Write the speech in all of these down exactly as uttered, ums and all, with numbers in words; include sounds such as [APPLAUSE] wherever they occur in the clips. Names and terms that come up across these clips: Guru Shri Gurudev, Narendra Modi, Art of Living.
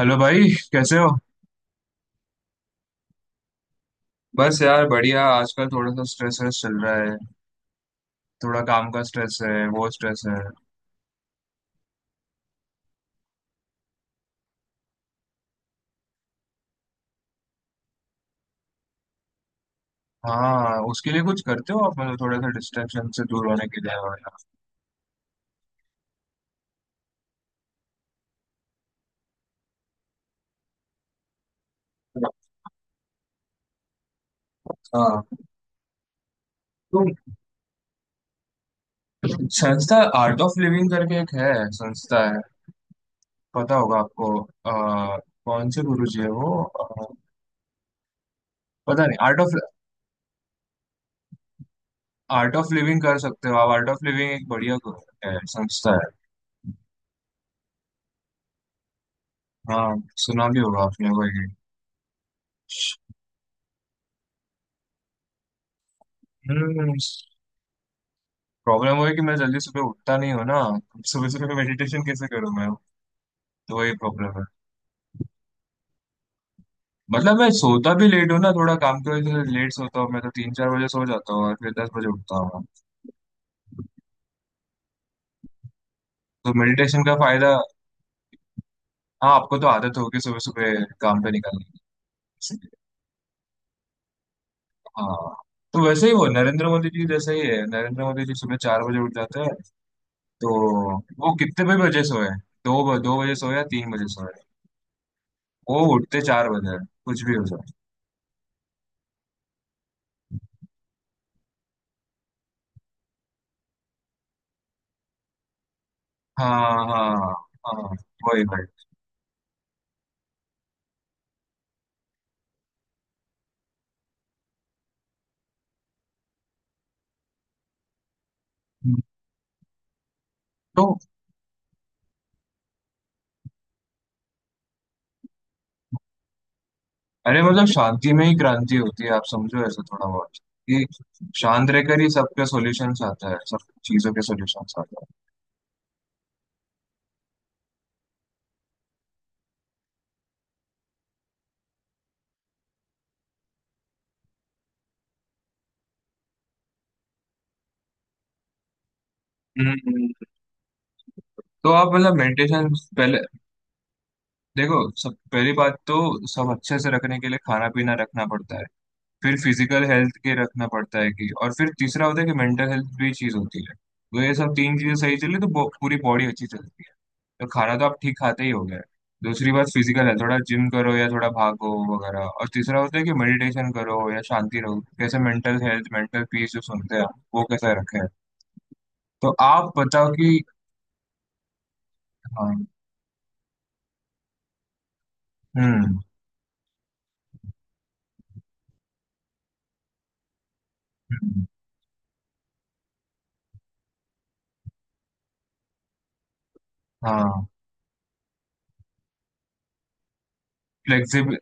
Hello भाई, कैसे हो? बस यार बढ़िया। आजकल थोड़ा सा स्ट्रेस स्ट्रेस चल रहा है। थोड़ा काम का स्ट्रेस है। वो स्ट्रेस है। हाँ, उसके लिए कुछ करते हो आप? मतलब थोड़ा सा डिस्ट्रैक्शन से दूर होने के लिए वगैरह? हाँ तो संस्था, आर्ट ऑफ लिविंग करके एक है, संस्था है, पता होगा आपको। आ, कौन से गुरु जी है वो? अ, पता नहीं। Art of Art of Living कर सकते हो आप। आर्ट ऑफ लिविंग एक बढ़िया है, संस्था है। हाँ, सुना भी होगा आपने वही। हम्म। प्रॉब्लम वो है कि मैं जल्दी सुबह उठता नहीं हूँ ना। सुबह सुबह मेडिटेशन कैसे करूँ मैं? तो वही प्रॉब्लम है। मतलब मैं सोता भी लेट हूँ ना, थोड़ा काम की वजह से लेट सोता हूँ मैं। तो तीन चार बजे सो जाता हूँ और फिर दस बजे उठता हूँ। तो मेडिटेशन का फायदा। हाँ, आपको तो आदत होगी सुबह सुबह काम पे निकलने की, इसलिए। हाँ तो वैसे ही वो, नरेंद्र मोदी जी जैसा ही है। नरेंद्र मोदी जी सुबह चार बजे उठ जाते हैं तो। वो कितने भी बजे सोए, दो ब- दो बजे सोए या तीन बजे सोए, वो उठते चार बजे हैं, कुछ भी हो जाए। हाँ हाँ हाँ हाँ, वही भाई। तो अरे मतलब शांति में ही क्रांति होती है, आप समझो ऐसा थोड़ा बहुत, कि शांत रहकर ही सबके सॉल्यूशंस आता है, सब चीजों के सॉल्यूशंस आता है। हम्म। तो आप मतलब मेडिटेशन। पहले देखो, सब पहली बात तो, सब अच्छे से रखने के लिए खाना पीना रखना पड़ता है। फिर फिजिकल हेल्थ के रखना पड़ता है कि, और फिर तीसरा होता है कि मेंटल हेल्थ भी चीज होती है। तो ये सब तीन चीजें सही चली तो बो- पूरी बॉडी अच्छी चलती है। तो खाना तो आप ठीक खाते ही हो गए। दूसरी बात फिजिकल है, थोड़ा जिम करो या थोड़ा भागो वगैरह। और तीसरा होता है कि मेडिटेशन करो या शांति रहो, कैसे मेंटल हेल्थ, मेंटल पीस जो सुनते हैं आप, वो कैसा रखे। तो आप बताओ कि। हाँ। हम्म। हम्म, हाँ। फ्लेक्सिबल।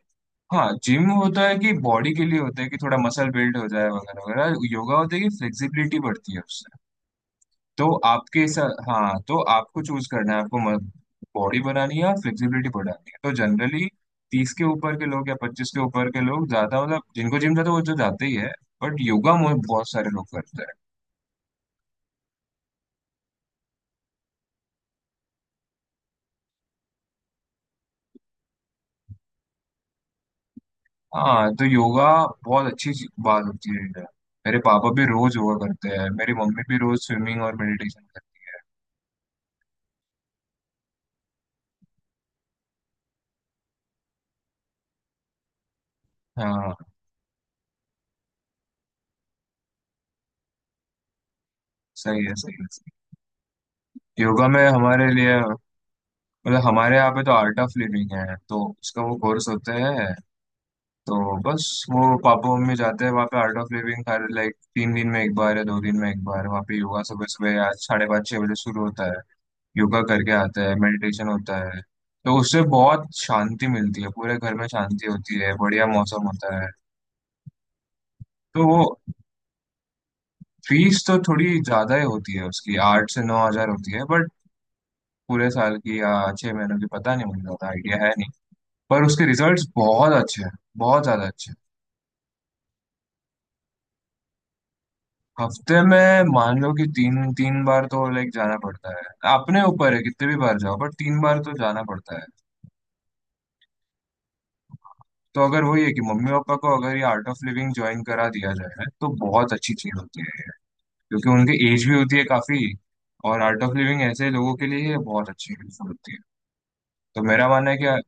हाँ, जिम होता है कि बॉडी के लिए होता है कि थोड़ा मसल बिल्ड हो जाए वगैरह वगैरह। योगा होता है कि फ्लेक्सिबिलिटी बढ़ती है। तो आपके साथ, हाँ तो आपको चूज करना है। आपको बॉडी बनानी है या फ्लेक्सिबिलिटी बढ़ानी है। तो जनरली तीस के ऊपर के लोग या पच्चीस के ऊपर के लोग ज्यादा मतलब, जिनको जिम जाता है वो तो जाते ही है, बट योगा मुझे बहुत सारे लोग करते हैं। हाँ, तो योगा बहुत अच्छी चीज- बात होती है योगा। मेरे पापा भी रोज योगा करते हैं, मेरी मम्मी भी रोज स्विमिंग और मेडिटेशन करते हैं। हाँ, सही है, सही है, सही है। योगा में हमारे लिए, मतलब हमारे यहाँ पे तो आर्ट ऑफ लिविंग है तो उसका वो कोर्स होता है। तो बस वो पापा मम्मी जाते हैं वहाँ पे, आर्ट ऑफ लिविंग हर लाइक तीन दिन में एक बार या दो दिन में एक बार। वहाँ पे योगा सुबह सुबह आज साढ़े पाँच छः बजे शुरू होता है। योगा करके आते हैं, मेडिटेशन होता है। तो उससे बहुत शांति मिलती है, पूरे घर में शांति होती है, बढ़िया मौसम होता है। तो वो फीस तो थोड़ी ज्यादा ही होती है उसकी, आठ से नौ हज़ार होती है बट पूरे साल की या छह महीनों की पता नहीं, मुझे ज्यादा आइडिया है नहीं। पर उसके रिजल्ट्स बहुत अच्छे हैं, बहुत ज्यादा अच्छे हैं। हफ्ते में मान लो कि तीन तीन बार तो लाइक जाना पड़ता है। अपने ऊपर है, कितने भी बार जाओ, पर तीन बार तो जाना पड़ता है। तो अगर वही है कि मम्मी पापा को अगर ये आर्ट ऑफ लिविंग ज्वाइन करा दिया जाए तो बहुत अच्छी चीज होती है ये। क्योंकि उनकी एज भी होती है काफी, और आर्ट ऑफ लिविंग ऐसे लोगों के लिए ये बहुत अच्छी हेल्पफुल होती है। तो मेरा मानना है कि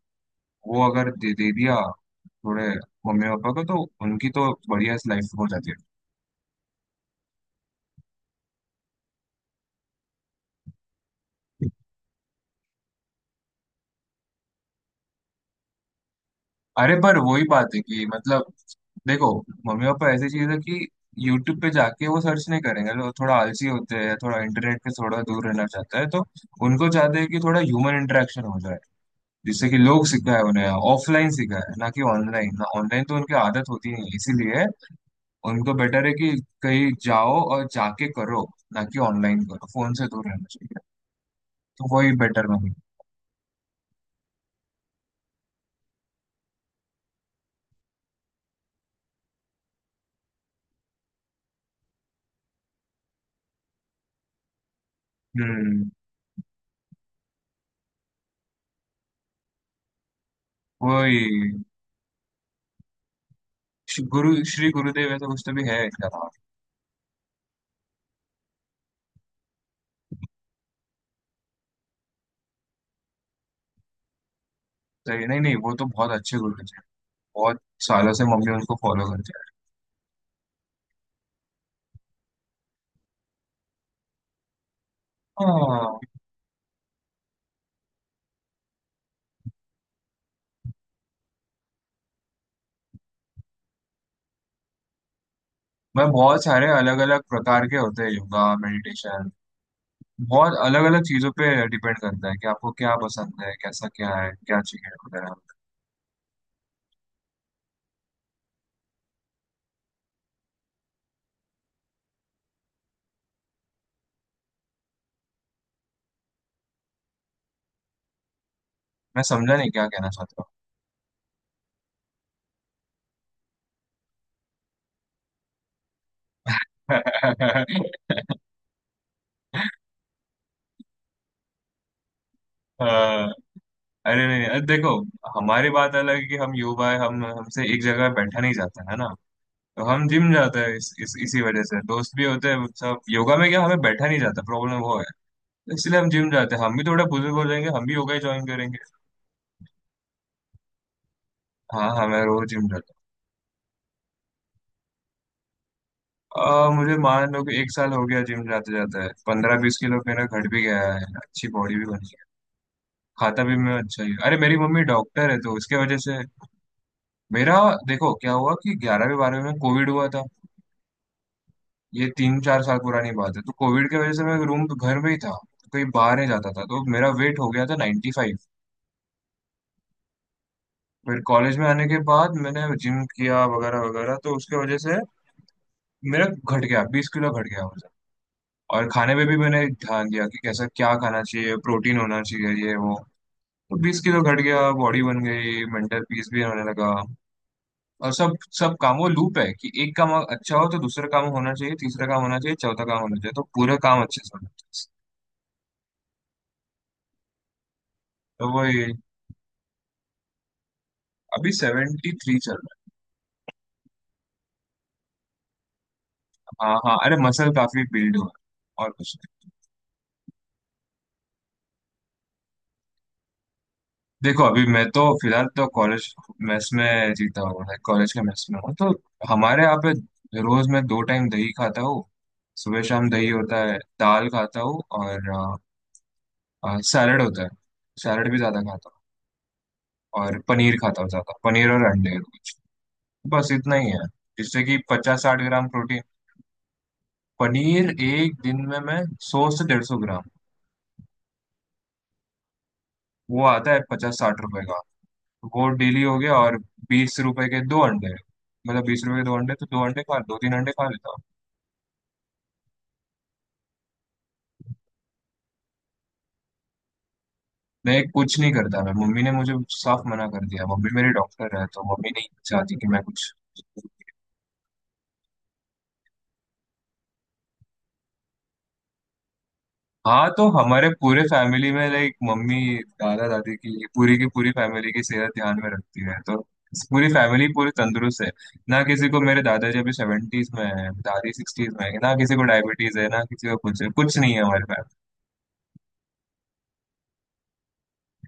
वो अगर दे, दे दिया थोड़े, मम्मी पापा को, तो उनकी तो बढ़िया लाइफ हो जाती है। अरे पर वही बात है कि मतलब, देखो, मम्मी पापा ऐसी चीज है कि यूट्यूब पे जाके वो सर्च नहीं करेंगे। लोग थोड़ा आलसी होते हैं, थोड़ा इंटरनेट से थोड़ा दूर रहना चाहता है। तो उनको चाहते हैं कि थोड़ा ह्यूमन इंटरेक्शन हो जाए, जिससे कि लोग सिखाए, उन्हें ऑफलाइन सिखाए ना कि ऑनलाइन। ना, ऑनलाइन तो उनकी आदत होती नहीं है, इसीलिए उनको बेटर है कि कहीं जाओ और जाके करो, ना कि ऑनलाइन करो। फोन से दूर रहना चाहिए, तो वही बेटर मानी। हम्म। वही श्री- गुरु श्री गुरुदेव ऐसा कुछ तो भी है इनका। सही है। नहीं नहीं, वो तो बहुत अच्छे गुरु जी हैं। बहुत सालों से मम्मी उनको फॉलो करती है। हाँ, मैं, बहुत सारे अलग अलग प्रकार के होते हैं योगा मेडिटेशन, बहुत अलग अलग चीजों पे डिपेंड करता है कि आपको क्या पसंद है, कैसा क्या है, क्या चाहिए वगैरह। मैं समझा नहीं क्या कहना चाहता हूँ। [LAUGHS] अ, अरे नहीं, अरे देखो, हमारी बात अलग है कि हम युवा है, हम, हमसे एक जगह बैठा नहीं जाता है ना। तो हम जिम जाते हैं इस, इस, इसी वजह से। दोस्त भी होते हैं सब, योगा में क्या हमें बैठा नहीं जाता, प्रॉब्लम वो, इसलिए हम जिम जाते हैं। हम भी थोड़े बुजुर्ग हो जाएंगे, हम भी योगा ज्वाइन करेंगे। हाँ हाँ, मैं रोज जिम जाता हूँ। आ, मुझे मान लो कि एक साल हो गया जिम जाते जाता है। पंद्रह बीस किलो मेरा घट भी गया है, अच्छी बॉडी भी बनी है। खाता भी मैं अच्छा ही, अरे मेरी मम्मी डॉक्टर है तो उसके वजह से। मेरा, देखो क्या हुआ कि ग्यारहवीं बारहवीं में कोविड हुआ था, ये तीन चार साल पुरानी बात है। तो कोविड की वजह से मैं रूम, घर में ही था, कहीं बाहर नहीं जाता था, तो मेरा वेट हो गया था नाइंटी फाइव फाइव। फिर कॉलेज में आने के बाद मैंने जिम किया वगैरह वगैरह तो उसके वजह से मेरा घट गया, बीस किलो घट गया वजन। और खाने पे भी मैंने ध्यान दिया कि कैसा क्या खाना चाहिए, प्रोटीन होना चाहिए ये वो। तो बीस किलो घट गया, बॉडी बन गई, मेंटल पीस भी होने लगा। और सब सब काम, वो लूप है कि एक काम अच्छा हो तो दूसरा काम होना चाहिए, तीसरा काम होना चाहिए, चौथा काम होना चाहिए, तो पूरा काम अच्छे से होना चाहिए। तो वही, अभी सेवेंटी थ्री चल रहा है। हाँ हाँ, अरे मसल काफी बिल्ड हुआ है और कुछ। देखो अभी मैं तो फिलहाल तो कॉलेज मेस में जीता हूँ, लाइक कॉलेज के मेस में हूँ। तो हमारे यहाँ पे रोज मैं दो टाइम दही खाता हूँ। सुबह शाम दही होता है, दाल खाता हूँ, और आ, आ, सैलड होता है। सैलड भी ज्यादा खाता हूँ, और पनीर खाता हूँ, ज्यादा पनीर और अंडे। बस इतना ही है, जिससे कि पचास साठ ग्राम प्रोटीन। पनीर एक दिन में मैं सौ से डेढ़ सौ ग्राम। वो आता है पचास साठ रुपए का। वो डेली हो गया, और बीस रुपए के दो अंडे। मतलब बीस रुपए के दो अंडे, तो दो अंडे खा, दो तीन अंडे खा लेता हूँ। मैं कुछ नहीं करता, मैं, मम्मी ने मुझे साफ मना कर दिया। मम्मी मेरी डॉक्टर है तो मम्मी नहीं चाहती कि मैं कुछ। हाँ, तो हमारे पूरे फैमिली में लाइक मम्मी दादा दादी की पूरी की पूरी फैमिली की सेहत ध्यान में रखती है, तो पूरी फैमिली पूरी तंदुरुस्त है। ना किसी को, मेरे दादाजी अभी सेवेंटीज में है, दादी सिक्सटीज में है, ना किसी को डायबिटीज है, ना किसी को कुछ है, कुछ नहीं है हमारे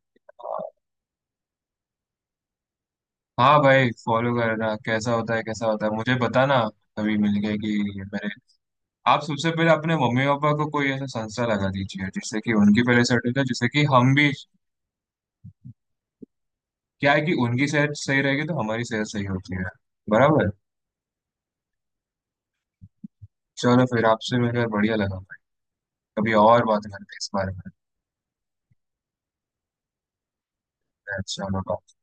फैमिली। हाँ भाई, फॉलो करना कैसा होता है कैसा होता है मुझे बताना, कभी मिल गए कि। मेरे, आप सबसे पहले अपने मम्मी पापा को कोई ऐसा संस्था लगा दीजिए, जिससे कि उनकी पहले सेट हो जाए, जिससे कि हम भी। क्या है कि उनकी सेहत सही रहेगी तो हमारी सेहत सही होती है, बराबर। चलो फिर आपसे मिलकर बढ़िया लगा भाई, कभी और बात करते हैं इस बारे में। चलो bye।